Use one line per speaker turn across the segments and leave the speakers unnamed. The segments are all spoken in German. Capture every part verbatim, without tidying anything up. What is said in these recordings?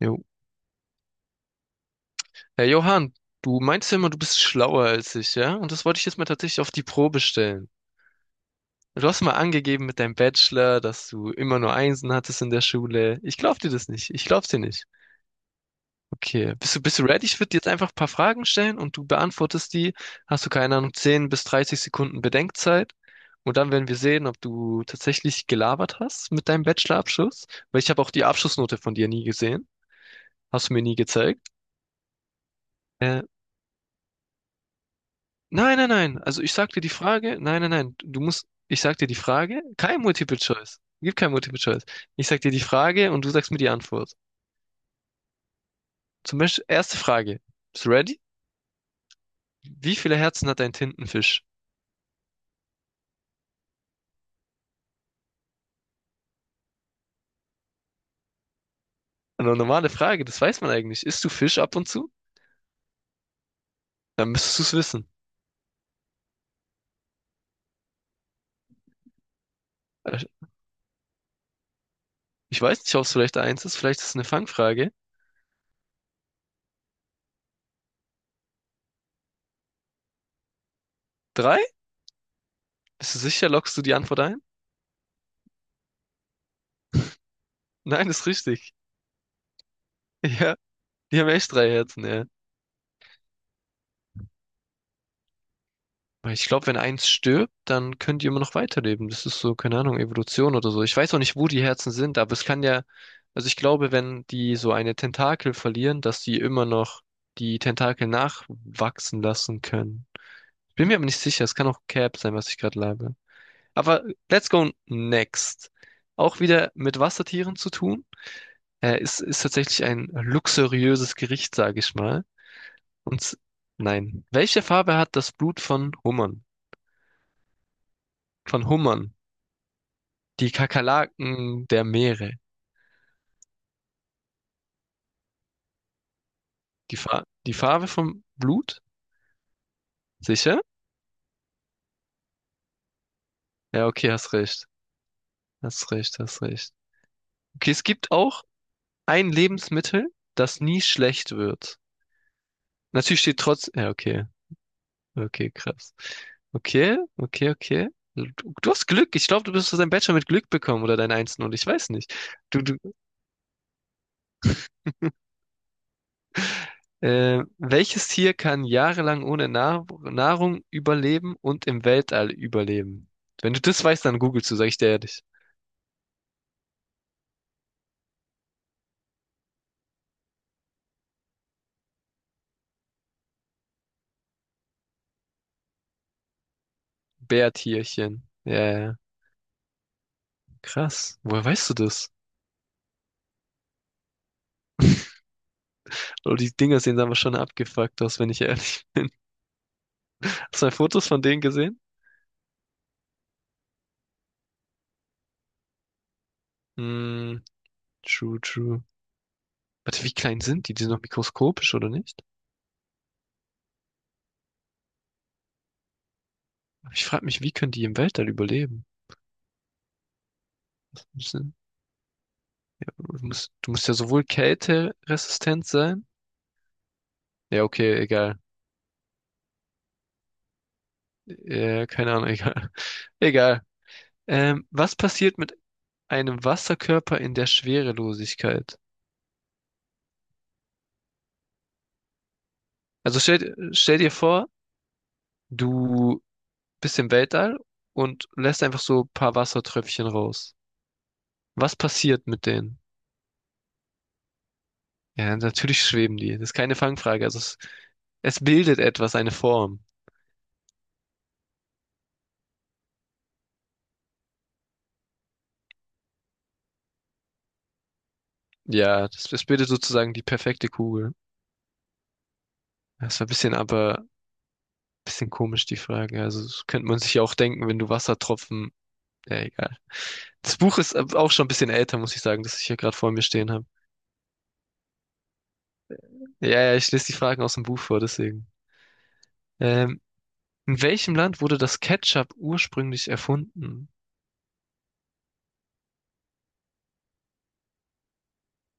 Jo. Herr Johann, du meinst ja immer, du bist schlauer als ich, ja? Und das wollte ich jetzt mal tatsächlich auf die Probe stellen. Du hast mal angegeben mit deinem Bachelor, dass du immer nur Einsen hattest in der Schule. Ich glaub dir das nicht. Ich glaub's dir nicht. Okay, bist du, bist du ready? Ich würde dir jetzt einfach ein paar Fragen stellen und du beantwortest die. Hast du keine Ahnung, zehn bis dreißig Sekunden Bedenkzeit. Und dann werden wir sehen, ob du tatsächlich gelabert hast mit deinem Bachelorabschluss. Weil ich habe auch die Abschlussnote von dir nie gesehen. Hast du mir nie gezeigt. Äh, Nein, nein, nein. Also ich sag dir die Frage, nein, nein, nein. Du musst, ich sag dir die Frage, kein Multiple Choice. Gibt kein Multiple Choice. Ich sag dir die Frage und du sagst mir die Antwort. Zum Beispiel, erste Frage. Bist du ready? Wie viele Herzen hat ein Tintenfisch? Eine normale Frage, das weiß man eigentlich. Isst du Fisch ab und zu? Dann müsstest du es wissen. Äh, Ich weiß nicht, ob es vielleicht eins ist, vielleicht ist es eine Fangfrage. Drei? Bist du sicher, lockst du die Antwort ein? Nein, ist richtig. Ja, die haben echt drei Herzen, ja. Weil ich glaube, wenn eins stirbt, dann können die immer noch weiterleben. Das ist so, keine Ahnung, Evolution oder so. Ich weiß auch nicht, wo die Herzen sind, aber es kann ja, also ich glaube, wenn die so eine Tentakel verlieren, dass die immer noch die Tentakel nachwachsen lassen können. Bin mir aber nicht sicher, es kann auch Cap sein, was ich gerade labe. Aber let's go next. Auch wieder mit Wassertieren zu tun. Äh, ist, ist tatsächlich ein luxuriöses Gericht, sage ich mal. Und s- nein. Welche Farbe hat das Blut von Hummern? Von Hummern. Die Kakerlaken der Meere. Die Fa die Farbe vom Blut? Sicher? Ja, okay, hast recht. Hast recht, hast recht. Okay, es gibt auch ein Lebensmittel, das nie schlecht wird. Natürlich steht trotz. Ja, okay. Okay, krass. Okay, okay, okay. Du, du hast Glück. Ich glaube, du bist dein Bachelor mit Glück bekommen oder dein Einsen und ich weiß nicht. Du, du, äh, welches Tier kann jahrelang ohne Nahr Nahrung überleben und im Weltall überleben? Wenn du das weißt, dann googelst du, sag ich dir ehrlich. Bärtierchen. Ja, ja, ja. Krass. Woher weißt du das? Oh, die Dinger sehen aber schon abgefuckt aus, wenn ich ehrlich. Hast du mal Fotos von denen gesehen? Hm, true, true. Warte, wie klein sind die? Die sind noch mikroskopisch, oder nicht? Aber ich frage mich, wie können die im Weltall überleben? Müssen- Du musst, du musst ja sowohl kälteresistent sein. Ja, okay, egal. Äh, keine Ahnung, egal. Egal. Ähm, was passiert mit einem Wasserkörper in der Schwerelosigkeit? Also stell, stell dir vor, du bisschen Weltall und lässt einfach so ein paar Wassertröpfchen raus. Was passiert mit denen? Ja, natürlich schweben die. Das ist keine Fangfrage. Also es, es bildet etwas, eine Form. Ja, das, das bildet sozusagen die perfekte Kugel. Das war ein bisschen, aber ein bisschen komisch, die Frage. Also das könnte man sich ja auch denken, wenn du Wassertropfen. Ja, egal. Das Buch ist ab- auch schon ein bisschen älter, muss ich sagen, das ich hier gerade vor mir stehen habe. Ja, ja, ich lese die Fragen aus dem Buch vor, deswegen. Ähm, in welchem Land wurde das Ketchup ursprünglich erfunden?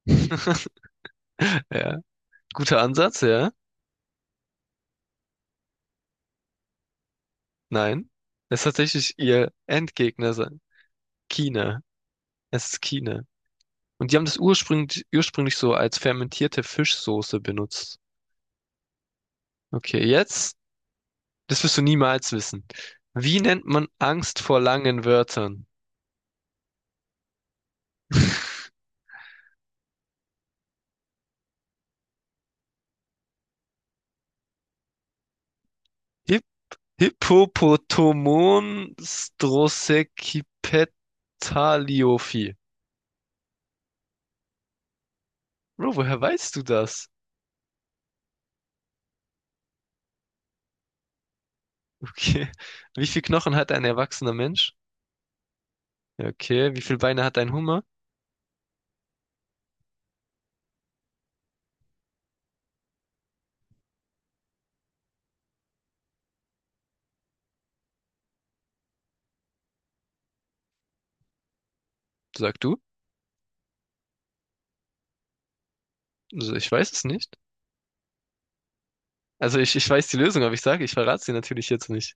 Ja. Guter Ansatz, ja. Nein. Es ist tatsächlich ihr Endgegner, sa- China. Es ist China. Und die haben das ursprünglich, ursprünglich so als fermentierte Fischsoße benutzt. Okay, jetzt, das wirst du niemals wissen. Wie nennt man Angst vor langen Wörtern? Hi Hippopotomon Strosekipetaliophi. Bro, woher weißt du das? Okay. Wie viel Knochen hat ein erwachsener Mensch? Ja, okay. Wie viele Beine hat ein Hummer? Sag du? Also ich weiß es nicht. Also ich, ich weiß die Lösung, aber ich sage, ich verrate sie natürlich jetzt nicht.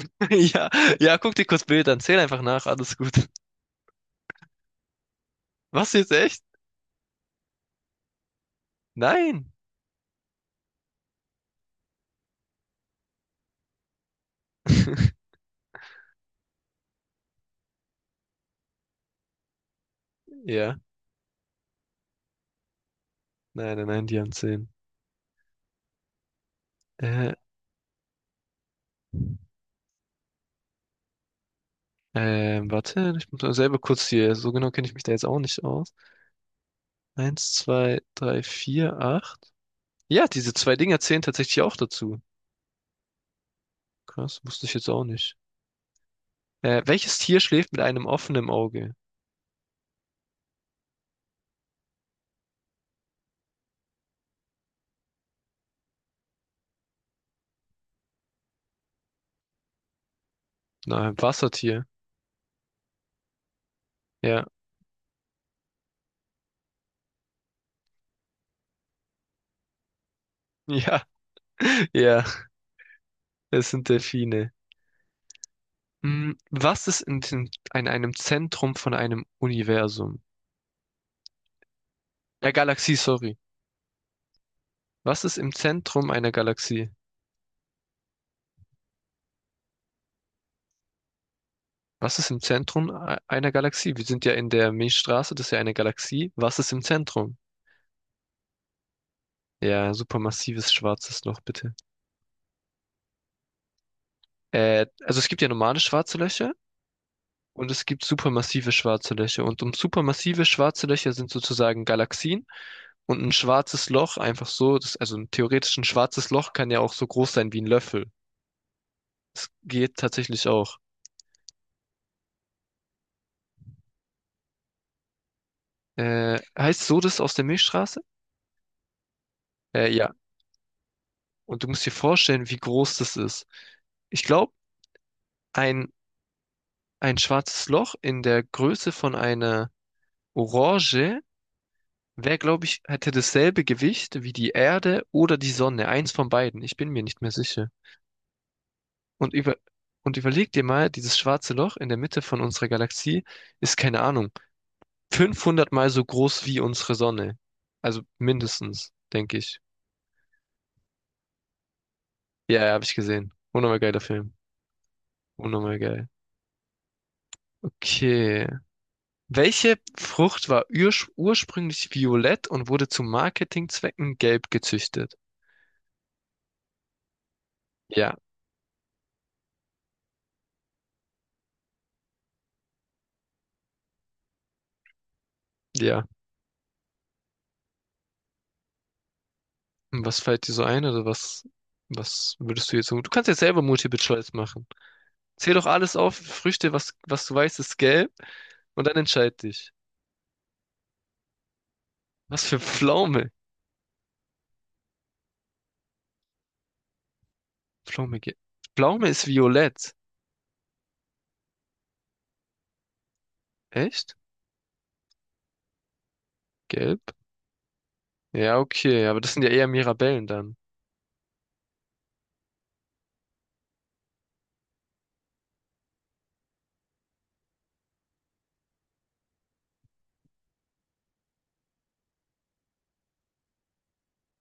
Ja, ja, guck dir kurz Bilder an, zähl einfach nach, alles gut. Was jetzt echt? Nein. Ja, nein, nein, nein, die haben zehn. Äh, ähm, warte, ich muss mal selber kurz hier, so genau kenne ich mich da jetzt auch nicht aus. Eins, zwei, drei, vier, acht. Ja, diese zwei Dinger zählen tatsächlich auch dazu. Krass, wusste ich jetzt auch nicht. Äh, welches Tier schläft mit einem offenen Auge? Na, ein Wassertier. Ja, ja, ja. Es sind Delfine. Hm, was ist in, den- in einem Zentrum von einem Universum? Äh, Galaxie, sorry. Was ist im Zentrum einer Galaxie? Was ist im Zentrum e- einer Galaxie? Wir sind ja in der Milchstraße, das ist ja eine Galaxie. Was ist im Zentrum? Ja, supermassives schwarzes Loch, bitte. Äh, also es gibt ja normale schwarze Löcher und es gibt supermassive schwarze Löcher. Und um supermassive schwarze Löcher sind sozusagen Galaxien. Und ein schwarzes Loch einfach so, das, also ein theoretisch ein schwarzes Loch kann ja auch so groß sein wie ein Löffel. Es geht tatsächlich auch. Äh, heißt so das aus der Milchstraße? Äh, ja. Und du musst dir vorstellen, wie groß das ist. Ich glaube, ein, ein schwarzes Loch in der Größe von einer Orange wäre, glaube ich, hätte dasselbe Gewicht wie die Erde oder die Sonne. Eins von beiden. Ich bin mir nicht mehr sicher. Und über, und überleg dir mal, dieses schwarze Loch in der Mitte von unserer Galaxie ist, keine Ahnung, fünfhundert mal so groß wie unsere Sonne. Also mindestens, denke ich. Ja, ja, habe ich gesehen. Unnormal geiler Film. Unnormal geil. Okay. Welche Frucht war ursch- ursprünglich violett und wurde zu Marketingzwecken gelb gezüchtet? Ja, ja. Und was fällt dir so ein oder was, was würdest du jetzt so? Du kannst jetzt selber Multiple Choice machen. Zähl doch alles auf, Früchte, was, was du weißt, ist gelb und dann entscheid dich. Was für Pflaume? Pflaume, ge- Pflaume ist violett. Echt? Gelb? Ja, okay, aber das sind ja eher Mirabellen dann.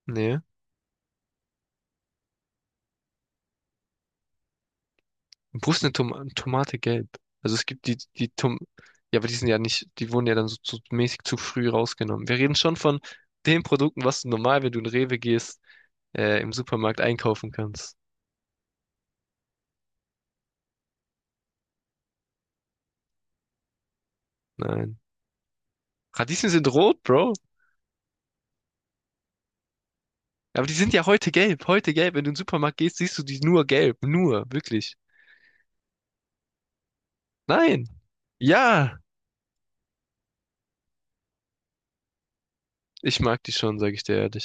Nee. Wo ist eine Tom Tomate gelb? Also es gibt die, die Tom, ja, aber die sind ja nicht, die wurden ja dann so, so mäßig zu früh rausgenommen. Wir reden schon von den Produkten, was du normal, wenn du in Rewe gehst, äh, im Supermarkt einkaufen kannst. Nein. Radieschen sind rot, Bro. Aber die sind ja heute gelb, heute gelb. Wenn du in den Supermarkt gehst, siehst du die nur gelb, nur, wirklich. Nein. Ja, ich mag die schon, sage ich dir ehrlich.